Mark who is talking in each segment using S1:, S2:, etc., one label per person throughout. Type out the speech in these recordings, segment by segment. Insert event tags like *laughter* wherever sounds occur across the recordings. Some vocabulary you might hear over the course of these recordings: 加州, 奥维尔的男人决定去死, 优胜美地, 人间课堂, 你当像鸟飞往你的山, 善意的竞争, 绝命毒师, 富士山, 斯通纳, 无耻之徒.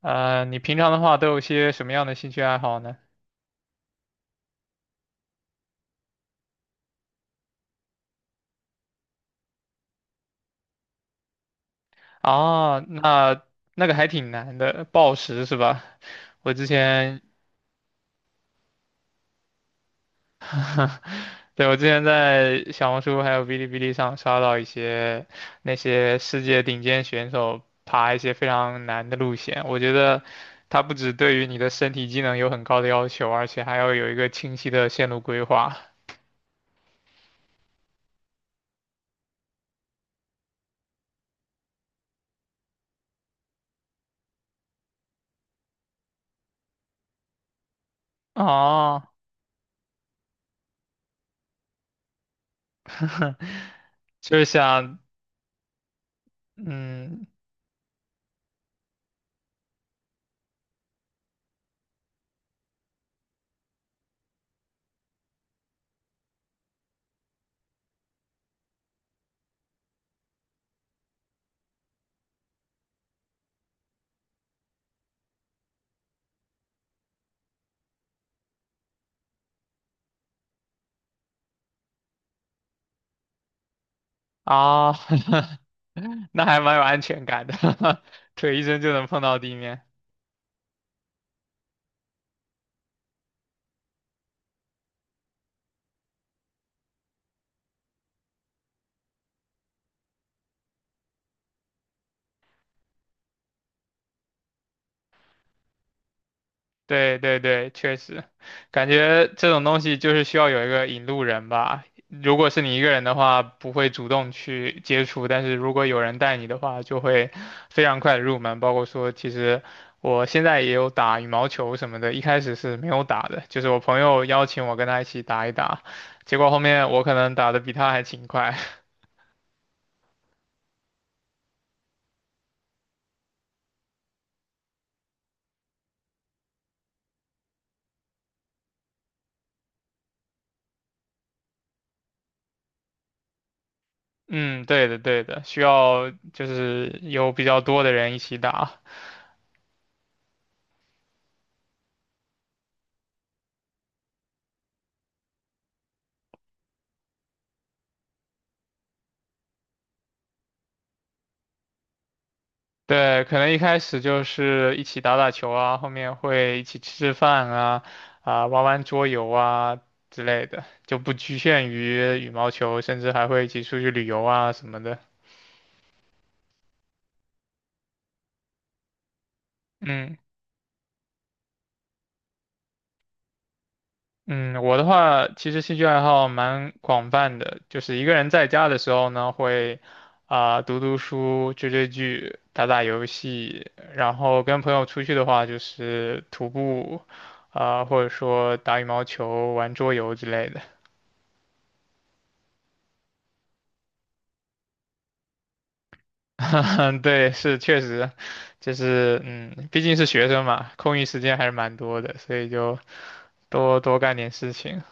S1: 你平常的话都有些什么样的兴趣爱好呢？啊，那那个还挺难的，暴食是吧？我之前，*laughs* 对，我之前在小红书还有哔哩哔哩上刷到一些那些世界顶尖选手爬一些非常难的路线，我觉得它不只对于你的身体机能有很高的要求，而且还要有一个清晰的线路规划。哦，*laughs* 就是想，嗯，啊，*laughs* 那还蛮有安全感的，*laughs* 腿一伸就能碰到地面。对对对，确实，感觉这种东西就是需要有一个引路人吧。如果是你一个人的话，不会主动去接触，但是如果有人带你的话，就会非常快的入门。包括说，其实我现在也有打羽毛球什么的，一开始是没有打的，就是我朋友邀请我跟他一起打一打，结果后面我可能打的比他还勤快。嗯，对的，对的，需要就是有比较多的人一起打。对，可能一开始就是一起打打球啊，后面会一起吃吃饭啊，啊、玩玩桌游啊之类的，就不局限于羽毛球，甚至还会一起出去旅游啊什么的。嗯。嗯，我的话其实兴趣爱好蛮广泛的，就是一个人在家的时候呢，会啊、读读书、追追剧、打打游戏，然后跟朋友出去的话就是徒步，啊、或者说打羽毛球、玩桌游之类的。*laughs* 嗯，对，是确实，就是毕竟是学生嘛，空余时间还是蛮多的，所以就多多干点事情。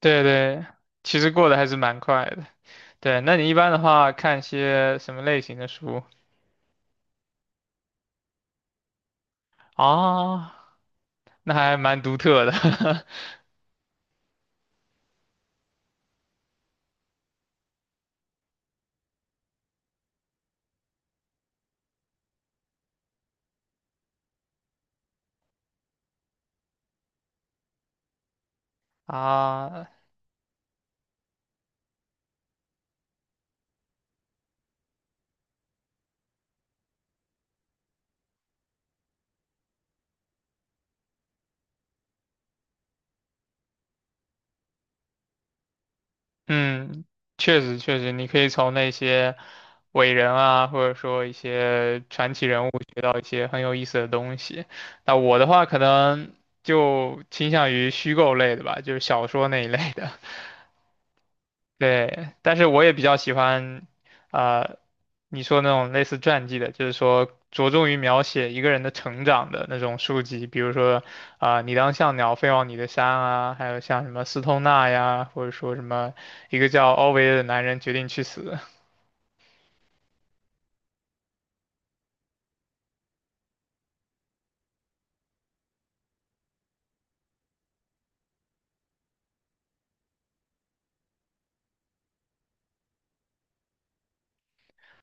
S1: 对对，其实过得还是蛮快的。对，那你一般的话看些什么类型的书啊 *laughs*？那还蛮独特的 *laughs* 啊。嗯，确实确实，你可以从那些伟人啊，或者说一些传奇人物学到一些很有意思的东西。那我的话可能就倾向于虚构类的吧，就是小说那一类的。对，但是我也比较喜欢，啊，你说那种类似传记的，就是说着重于描写一个人的成长的那种书籍，比如说啊、你当像鸟飞往你的山》啊，还有像什么斯通纳呀，或者说什么一个叫奥维尔的男人决定去死，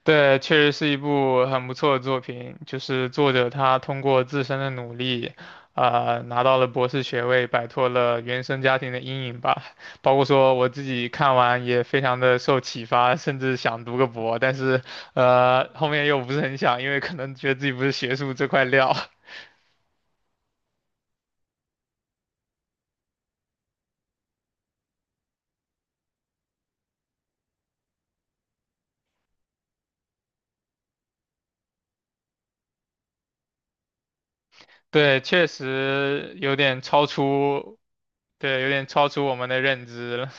S1: 对，确实是一部很不错的作品。就是作者他通过自身的努力，拿到了博士学位，摆脱了原生家庭的阴影吧。包括说我自己看完也非常的受启发，甚至想读个博，但是后面又不是很想，因为可能觉得自己不是学术这块料。*laughs* 对，确实有点超出，对，有点超出我们的认知了。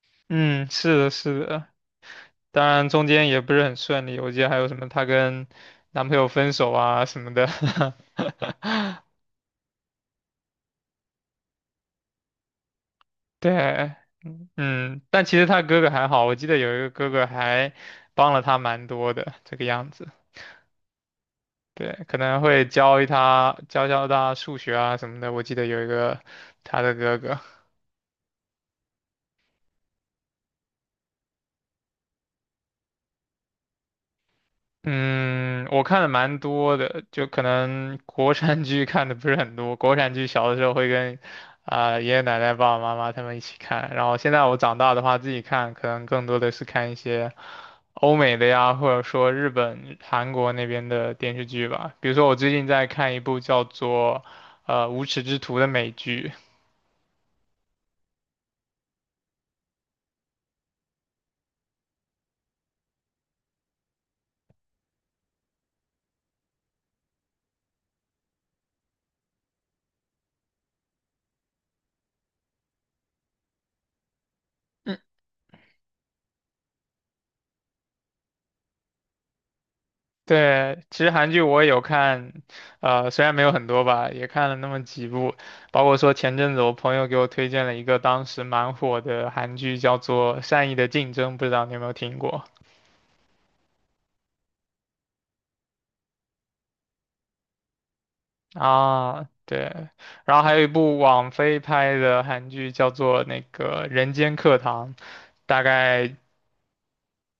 S1: *laughs* 嗯，是的，是的。当然中间也不是很顺利，我记得还有什么她跟男朋友分手啊什么的。*laughs* 对，嗯，但其实她哥哥还好，我记得有一个哥哥还帮了她蛮多的，这个样子。对，可能会教教她数学啊什么的，我记得有一个她的哥哥。嗯，我看的蛮多的，就可能国产剧看的不是很多。国产剧小的时候会跟啊、爷爷奶奶、爸爸妈妈他们一起看，然后现在我长大的话自己看，可能更多的是看一些欧美的呀，或者说日本、韩国那边的电视剧吧。比如说我最近在看一部叫做《无耻之徒》的美剧。对，其实韩剧我也有看，虽然没有很多吧，也看了那么几部，包括说前阵子我朋友给我推荐了一个当时蛮火的韩剧，叫做《善意的竞争》，不知道你有没有听过啊？对，然后还有一部网飞拍的韩剧叫做那个《人间课堂》，大概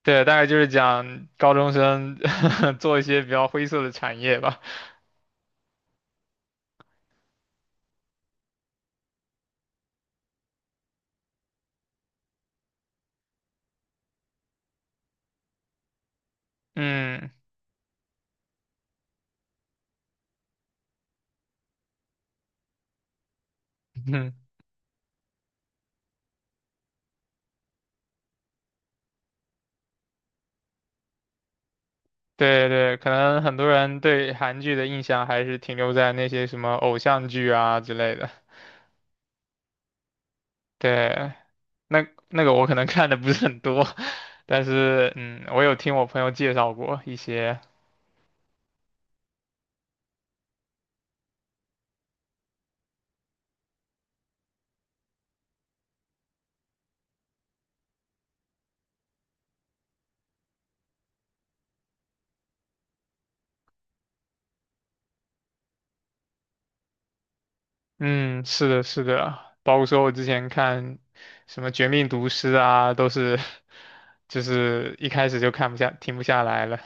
S1: 对，大概就是讲高中生 *laughs* 做一些比较灰色的产业吧，嗯 *laughs*。对对，可能很多人对韩剧的印象还是停留在那些什么偶像剧啊之类的。对，那那个我可能看的不是很多，*laughs* 但是我有听我朋友介绍过一些。嗯，是的，是的，包括说我之前看什么《绝命毒师》啊，都是 *laughs* 就是一开始就看不下，停不下来了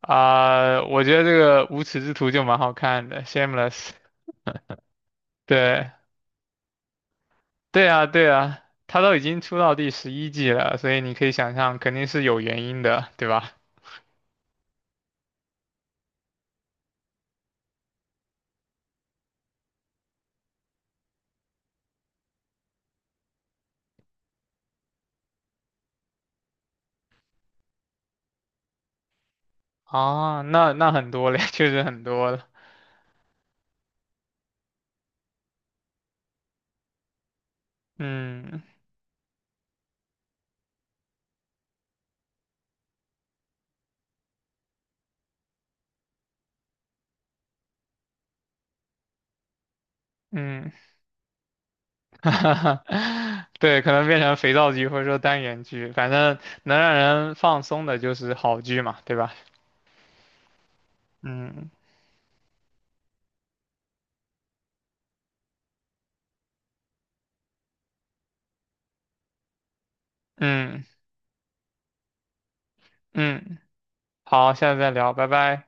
S1: 啊、我觉得这个《无耻之徒》就蛮好看的，《Shameless》。对。对啊，对啊，他都已经出到第11季了，所以你可以想象，肯定是有原因的，对吧？啊，那那很多嘞，*laughs* 确实很多了。嗯嗯，*laughs* 对，可能变成肥皂剧或者说单元剧，反正能让人放松的就是好剧嘛，对吧？嗯嗯嗯，好，下次再聊，拜拜。